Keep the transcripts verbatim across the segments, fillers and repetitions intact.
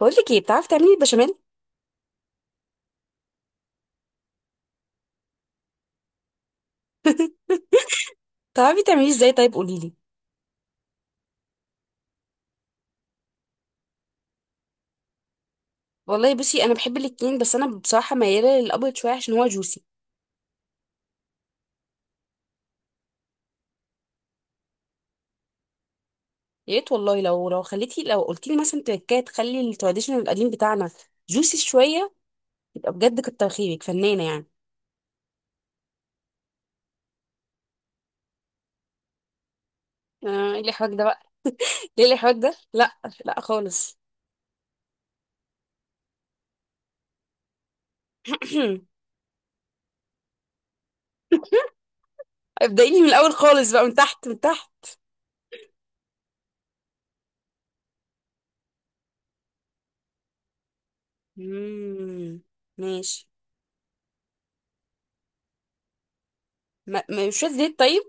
بقول لك ايه؟ بتعرفي تعملي البشاميل؟ بتعرفي تعمليه ازاي؟ طيب قولي لي. والله بصي، انا بحب الاتنين، بس انا بصراحه مياله للابيض شويه عشان هو جوسي. يا ريت والله، لو لو خليتي، لو قلتي لي مثلا تركايه تخلي التراديشنال القديم بتاعنا جوسي شويه، يبقى بجد كتر خيرك، فنانه يعني. آه، ايه الحواك ده بقى؟ ليه الحوار ده؟ لا، لا خالص. ابدأي لي من الاول خالص بقى، من تحت من تحت. مم. ماشي. ما ما- شويه زيت طيب.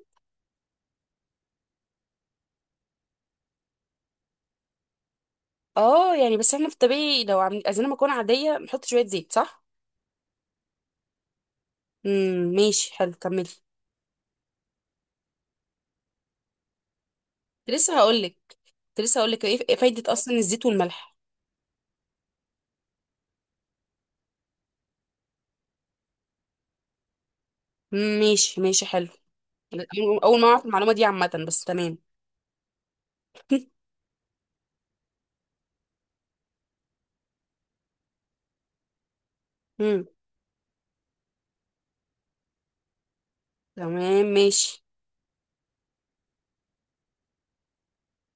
اه يعني بس احنا في الطبيعي لو عم... عايزين مكرونه عاديه بنحط شويه زيت، صح؟ امم ماشي حلو، كملي. كنت لسه هقول لك، كنت لسه هقول لك ايه فايدة اصلا الزيت والملح. مم، ماشي، ماشي حلو. أنا اول أول ما اعرف المعلومة دي عامة، بس تمام. امم تمام ماشي.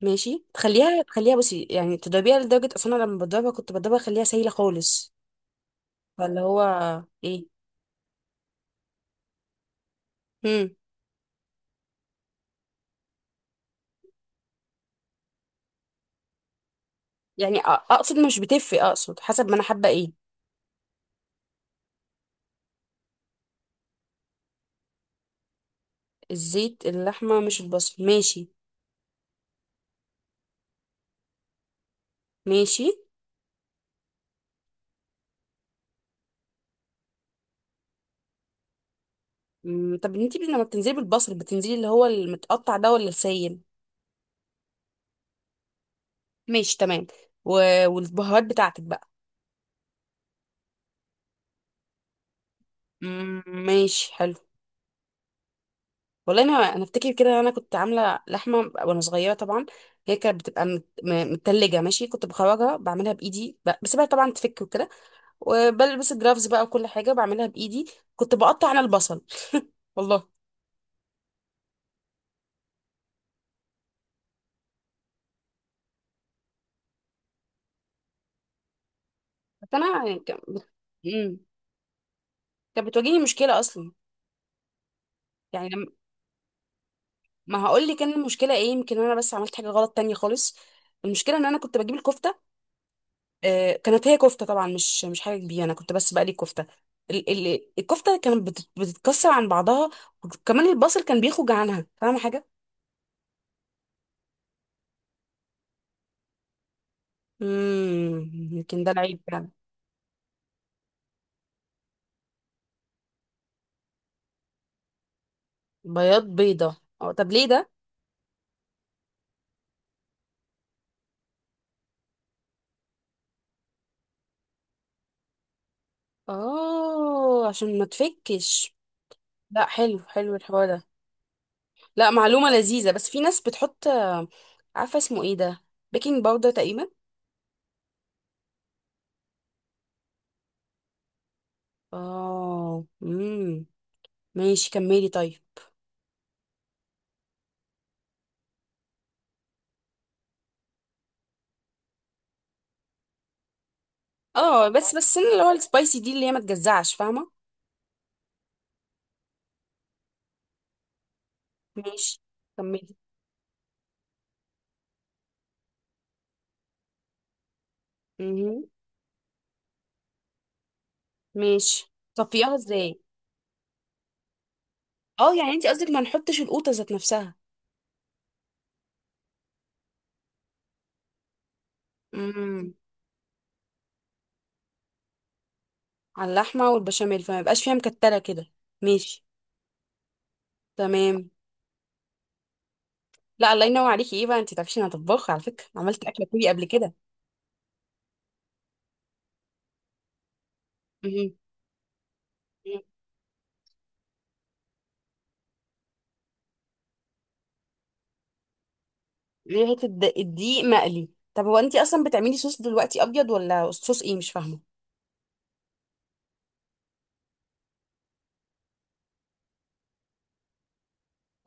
ماشي تخليها تخليها بصي، يعني تضربيها لدرجة اصلا أنا لما بضربها كنت بضربها اخليها سايلة خالص. فاللي هو ايه. امم يعني أ- اقصد مش بتفرق، اقصد حسب ما انا حابة ايه. الزيت اللحمة مش البصل، ماشي. ماشي. مم، طب انتي لما بتنزلي بالبصل، بتنزلي اللي هو المتقطع ده ولا السايل؟ ماشي تمام. و... والبهارات بتاعتك بقى؟ مم، ماشي حلو. والله انا، انا افتكر كده انا كنت عامله لحمه وانا صغيره طبعا. هي كانت بتبقى مت- م- متلجه، ماشي، كنت بخرجها بعملها بايدي، ب- بسيبها طبعا تفك وكده، وبلبس الجرافز بقى وكل حاجه بعملها بايدي، كنت بقطع انا البصل، والله. بس انا يعني كان- مم. كانت بتواجهني مشكله اصلا. يعني لما، ما هقول لك ان المشكله ايه. يمكن انا بس عملت حاجه غلط تانية خالص. المشكله ان انا كنت بجيب الكفته. آه، كانت هي كفته طبعا، مش مش حاجه كبيره، انا كنت بس بقلي الكفته. ال- ال- الكفته كانت بت- بتتكسر عن بعضها، وكمان البصل كان بيخرج عنها. فاهمه حاجه؟ امم، يمكن ده العيب فعلا. بياض بيضه، اه، طب ليه ده؟ اه، عشان ما تفكش. لا حلو، حلو الحوار ده. لا، معلومه لذيذه. بس في ناس بتحط آه، عارفه اسمه ايه ده، بيكنج باودر تقريبا. اه، امم، ماشي، كملي طيب. اه، بس بس السنه اللي هو السبايسي دي، اللي هي ما تجزعش، فاهمه؟ ماشي، كملي. مهم. ماشي. صفيها ازاي؟ اه يعني انت قصدك ما نحطش القوطه ذات نفسها. امم. على اللحمه والبشاميل، فما يبقاش فيها مكتله كده. ماشي. تمام. لا، الله ينور عليكي. ايه بقى؟ انت تعرفيش انا طباخه؟ على فكره عملت اكله كوري قبل كده. امم. ليه حته الد- الدقيق مقلي؟ طب هو انت اصلا بتعملي صوص دلوقتي ابيض ولا صوص ايه؟ مش فاهمه.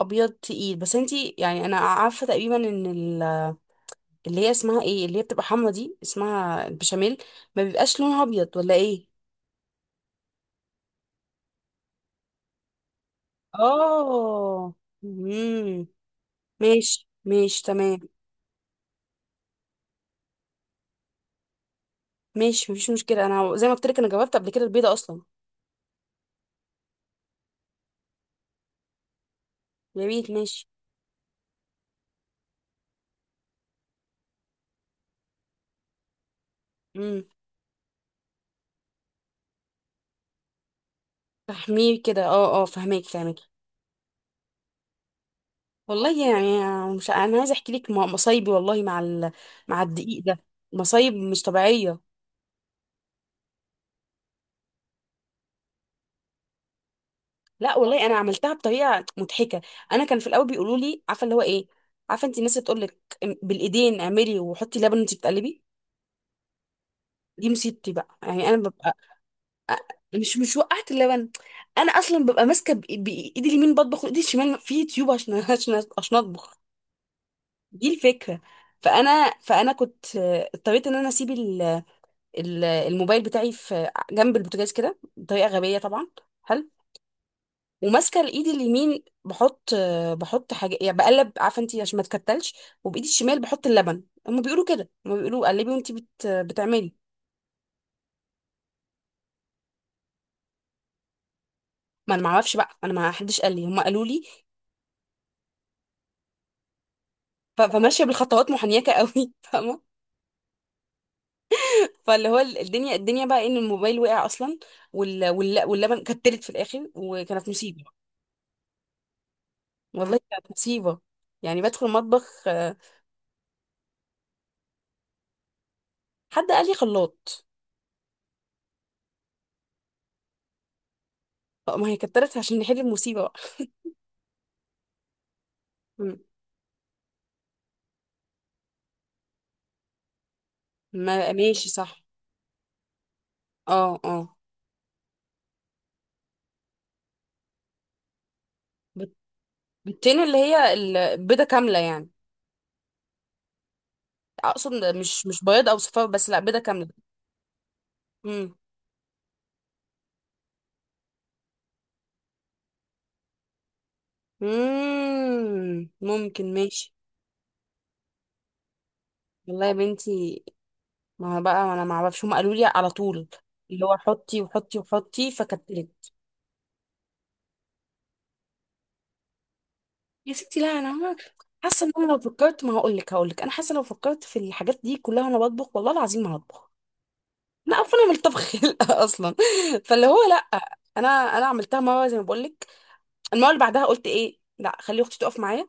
ابيض تقيل؟ بس انت، يعني انا عارفه تقريبا ان، اللي هي اسمها ايه، اللي هي بتبقى حمرا دي، اسمها البشاميل، ما بيبقاش لونها ابيض ولا ايه؟ اه. امم. ماشي، ماشي تمام. ماشي، مفيش مشكله، انا زي ما قلت لك انا جربت قبل كده البيضه اصلا. يا ريت، ماشي. امم. فهميه كده، اه اه، فهماك فهماك. والله يعني، مش انا عايزه احكي لك م- مصايبي، والله، مع ال... مع الدقيق ده. مصايب مش طبيعيه. لا والله انا عملتها بطريقه مضحكه. انا كان في الاول بيقولوا لي، عارفه اللي هو ايه، عارفه انت الناس اللي تقول لك بالايدين اعملي وحطي لبن وانت بتقلبي. دي مصيبتي بقى، يعني انا ببقى، مش مش وقعت اللبن، انا اصلا ببقى ماسكه بإ- بايدي اليمين بطبخ وايدي الشمال في يوتيوب عشان عشان عشان اطبخ. دي الفكره. فانا فانا كنت آه، اضطريت ان انا اسيب ال- ال- الموبايل بتاعي في جنب البوتاجاز كده بطريقه غبيه طبعا، وماسكه الايد اليمين بحط، آه، بحط حاجه يعني، بقلب، عارفه انت، عشان ما تكتلش، وبايدي الشمال بحط اللبن. هم بيقولوا كده، هم بيقولوا قلبي وانت بت... بتعملي. ما انا ما اعرفش بقى، انا ما حدش قال لي، هم قالوا لي ف... فماشيه بالخطوات محنيكه قوي فاهمه. فاللي هو الدنيا الدنيا بقى إيه، ان الموبايل وقع اصلا، وال... وال... واللبن كتلت في الاخر، وكانت مصيبه، والله كانت مصيبه. يعني بدخل المطبخ، آه، حد قال لي خلاط، آه، ما هي كترت عشان نحل المصيبه بقى. م. ما ماشي صح. اه اه. بيضتين اللي هي، البيضة كاملة يعني؟ اقصد مش مش بياض او صفار بس، لا بيضة كاملة. امم. امم ممكن، ماشي. والله يا بنتي، ما هو بقى ما انا ما اعرفش، هم قالوا لي على طول اللي هو حطي وحطي وحطي، فكتلت. يا ستي لا، انا ما- حاسه ان انا لو فكرت، ما هقول لك، هقول لك انا حاسه لو فكرت في الحاجات دي كلها وانا بطبخ، والله العظيم ما هطبخ. انا قرفانه من الطبخ خلقة اصلا. فاللي هو لا، انا انا عملتها مره زي ما بقول لك، المره اللي بعدها قلت ايه، لا خلي اختي تقف معايا،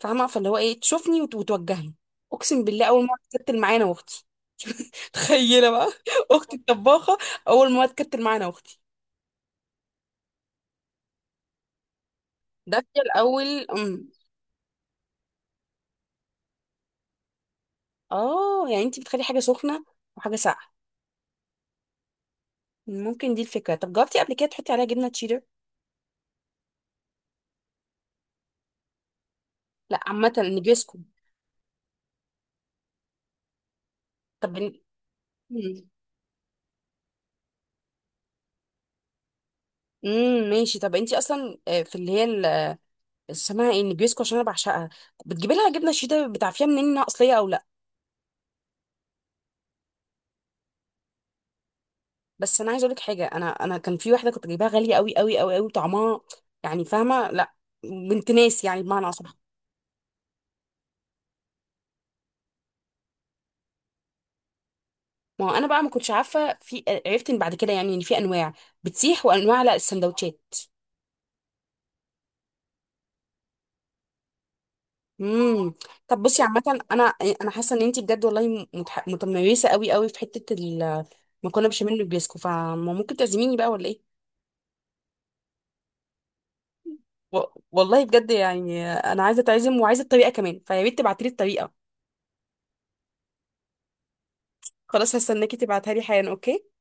فاهمه، فاللي هو ايه تشوفني وت- وتوجهني. اقسم بالله اول مره اتكتل معايا انا واختي، تخيله بقى اختي الطباخه، اول مره اتكتل معايا انا واختي. دافيه الاول. أم. اه يعني انت بتخلي حاجه سخنه وحاجه ساقعه. ممكن دي الفكره. طب جربتي قبل كده تحطي عليها جبنه تشيدر؟ لا عامه النجريسكو. طب. امم. أمم، ماشي. طب انت اصلا، آه، في اللي هي ال- اسمها ايه النجريسكو، عشان انا بعشقها، بتجيبي لها جبنه شيدر، بتعرفيها منين انها اصليه او لا؟ بس انا عايزه اقول لك حاجه، انا انا كان في واحده كنت جايباها غاليه قوي قوي قوي قوي طعمها، يعني فاهمه، لا، بنت ناس يعني بمعنى اصح. ما هو انا بقى ما كنتش عارفه، في عرفت ان بعد كده يعني ان في انواع بتسيح وانواع لا، السندوتشات. امم. طب بصي عامه، انا انا حاسه ان انت بجد والله متح- متميزه قوي قوي في حته المكرونه بشاميل والبيسكو، فممكن تعزميني بقى ولا ايه؟ و- والله بجد يعني انا عايزه اتعزم، وعايزه الطريقه كمان، فيا ريت تبعتي لي الطريقه. خلاص، هستناكي تبعتها لي حالا، اوكي.